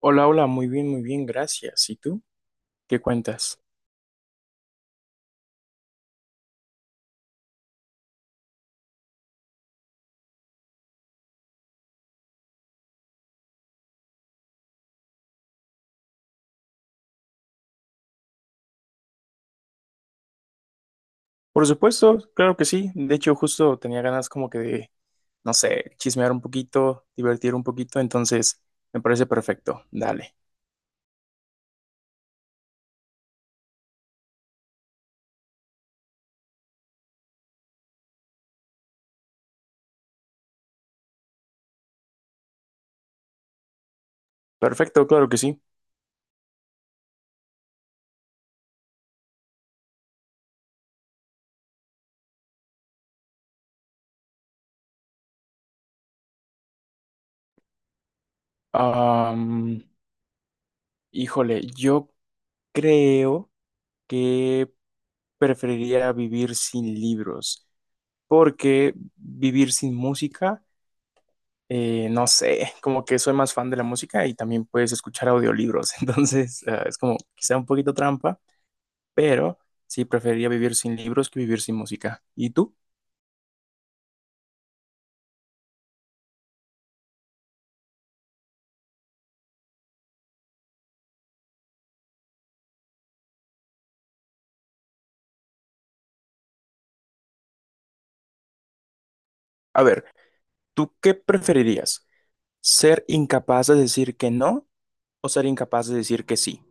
Hola, hola, muy bien, gracias. ¿Y tú? ¿Qué cuentas? Por supuesto, claro que sí. De hecho, justo tenía ganas como que de, no sé, chismear un poquito, divertir un poquito, entonces me parece perfecto. Dale. Perfecto, claro que sí. Am, Híjole, yo creo que preferiría vivir sin libros, porque vivir sin música no sé, como que soy más fan de la música y también puedes escuchar audiolibros, entonces ah, es como quizá un poquito trampa, pero sí preferiría vivir sin libros que vivir sin música. ¿Y tú? A ver, ¿tú qué preferirías? ¿Ser incapaz de decir que no o ser incapaz de decir que sí?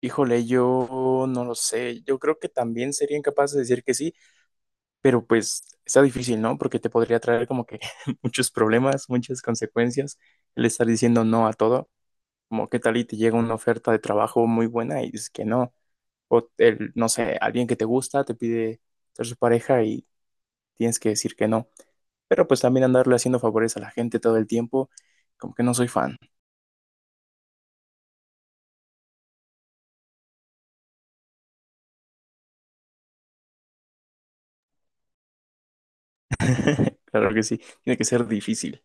Híjole, yo no lo sé, yo creo que también sería incapaz de decir que sí, pero pues está difícil, ¿no? Porque te podría traer como que muchos problemas, muchas consecuencias el estar diciendo no a todo. Como qué tal y te llega una oferta de trabajo muy buena y dices que no. O el, no sé, alguien que te gusta te pide ser su pareja y tienes que decir que no. Pero pues también andarle haciendo favores a la gente todo el tiempo, como que no soy fan. Claro que sí, tiene que ser difícil.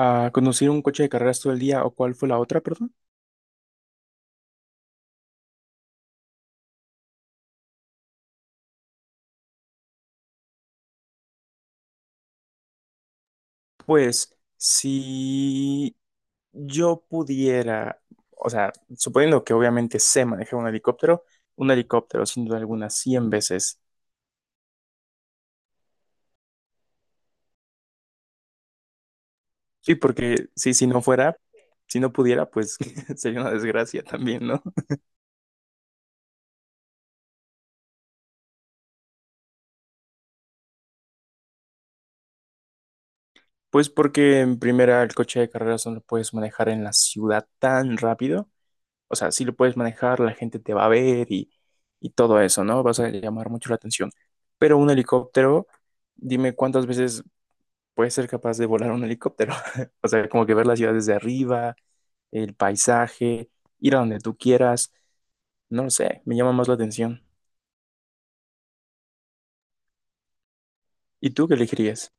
¿A conducir un coche de carreras todo el día o cuál fue la otra, perdón? Pues si yo pudiera, o sea, suponiendo que obviamente sé manejar un helicóptero sin duda alguna 100 veces. Sí, porque sí, si no fuera, si no pudiera, pues sería una desgracia también, ¿no? Pues porque en primera el coche de carreras no lo puedes manejar en la ciudad tan rápido. O sea, sí lo puedes manejar, la gente te va a ver y todo eso, ¿no? Vas a llamar mucho la atención. Pero un helicóptero, dime cuántas veces puedes ser capaz de volar un helicóptero. O sea, como que ver la ciudad desde arriba, el paisaje, ir a donde tú quieras. No lo sé, me llama más la atención. ¿Y tú qué elegirías?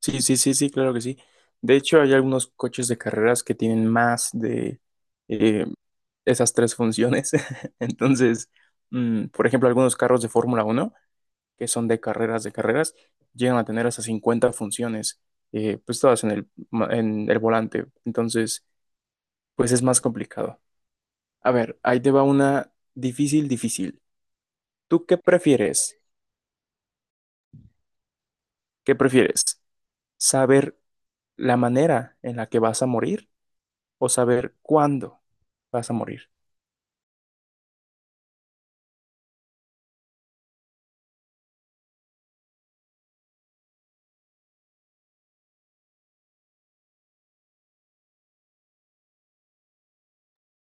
Sí, sí, sí, sí, claro que sí. De hecho, hay algunos coches de carreras que tienen más de eh, esas tres funciones. Entonces, por ejemplo, algunos carros de Fórmula 1 que son de carreras, llegan a tener hasta 50 funciones, pues todas en el volante. Entonces, pues es más complicado. A ver, ahí te va una difícil, difícil. ¿Tú qué prefieres? ¿Qué prefieres? ¿Saber la manera en la que vas a morir o saber cuándo vas a morir?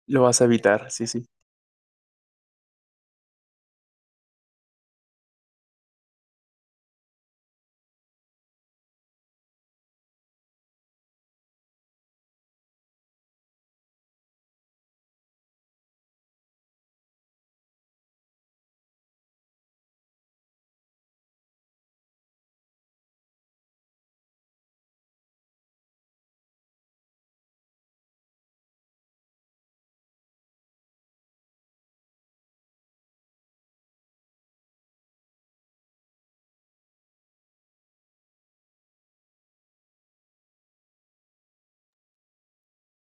Lo vas a evitar, sí, sí.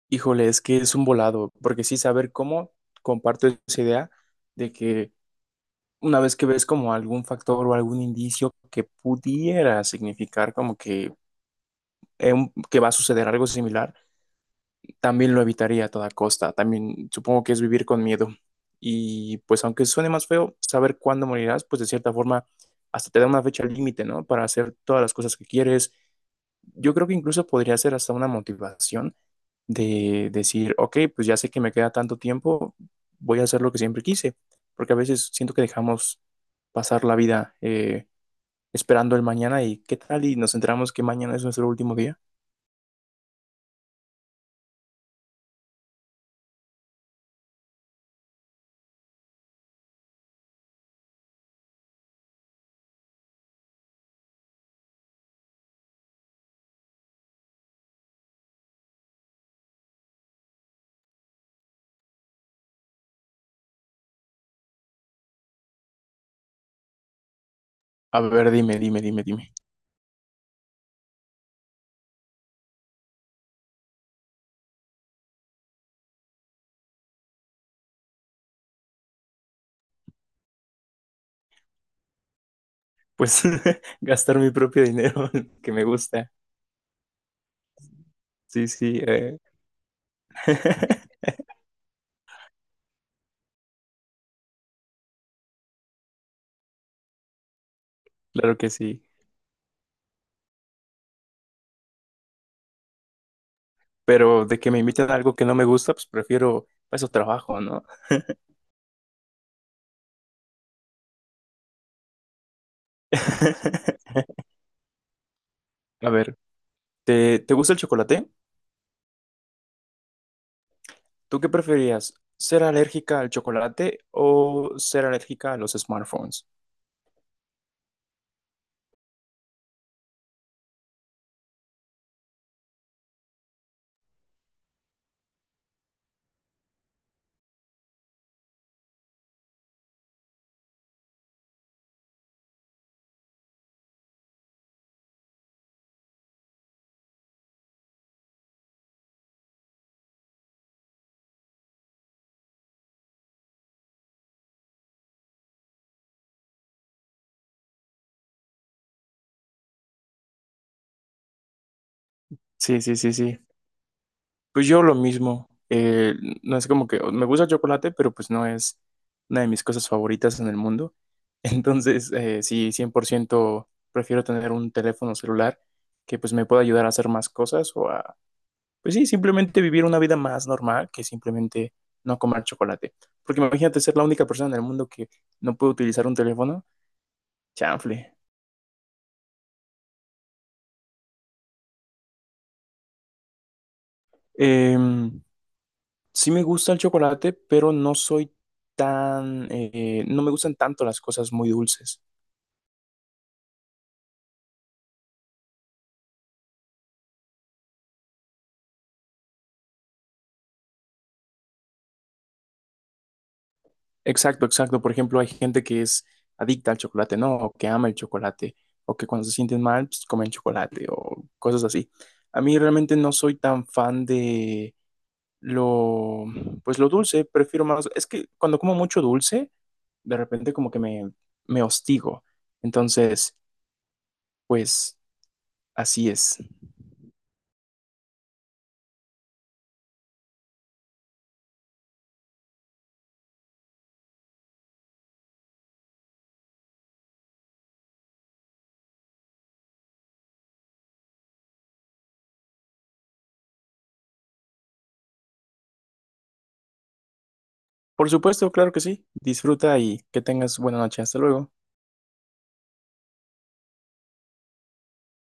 Híjole, es que es un volado, porque sí saber cómo, comparto esa idea de que una vez que ves como algún factor o algún indicio que pudiera significar como que, que va a suceder algo similar, también lo evitaría a toda costa. También supongo que es vivir con miedo. Y pues aunque suene más feo, saber cuándo morirás, pues de cierta forma hasta te da una fecha límite, ¿no? Para hacer todas las cosas que quieres. Yo creo que incluso podría ser hasta una motivación de decir, ok, pues ya sé que me queda tanto tiempo, voy a hacer lo que siempre quise, porque a veces siento que dejamos pasar la vida esperando el mañana y qué tal y nos enteramos que mañana es nuestro último día. A ver, dime, dime, dime, dime. Pues gastar mi propio dinero que me gusta. Sí, sí, claro que sí. Pero de que me inviten a algo que no me gusta, pues prefiero, para eso trabajo, ¿no? A ver. ¿Te gusta el chocolate? ¿Tú qué preferirías? ¿Ser alérgica al chocolate o ser alérgica a los smartphones? Sí, sí, sí, sí. Pues yo lo mismo. No es como que me gusta el chocolate, pero pues no es una de mis cosas favoritas en el mundo. Entonces, sí, 100% prefiero tener un teléfono celular que pues me pueda ayudar a hacer más cosas pues sí, simplemente vivir una vida más normal que simplemente no comer chocolate. Porque imagínate ser la única persona en el mundo que no puede utilizar un teléfono. Chanfle. Eh, sí me gusta el chocolate, pero no soy tan, no me gustan tanto las cosas muy dulces. Exacto, exacto. Por ejemplo, hay gente que es adicta al chocolate, ¿no? O que ama el chocolate, o que cuando se sienten mal, pues comen chocolate, o cosas así. A mí realmente no soy tan fan de, lo, pues lo dulce, prefiero más, es que cuando como mucho dulce, de repente como que me hostigo. Entonces, pues así es. Por supuesto, claro que sí. Disfruta y que tengas buena noche. Hasta luego.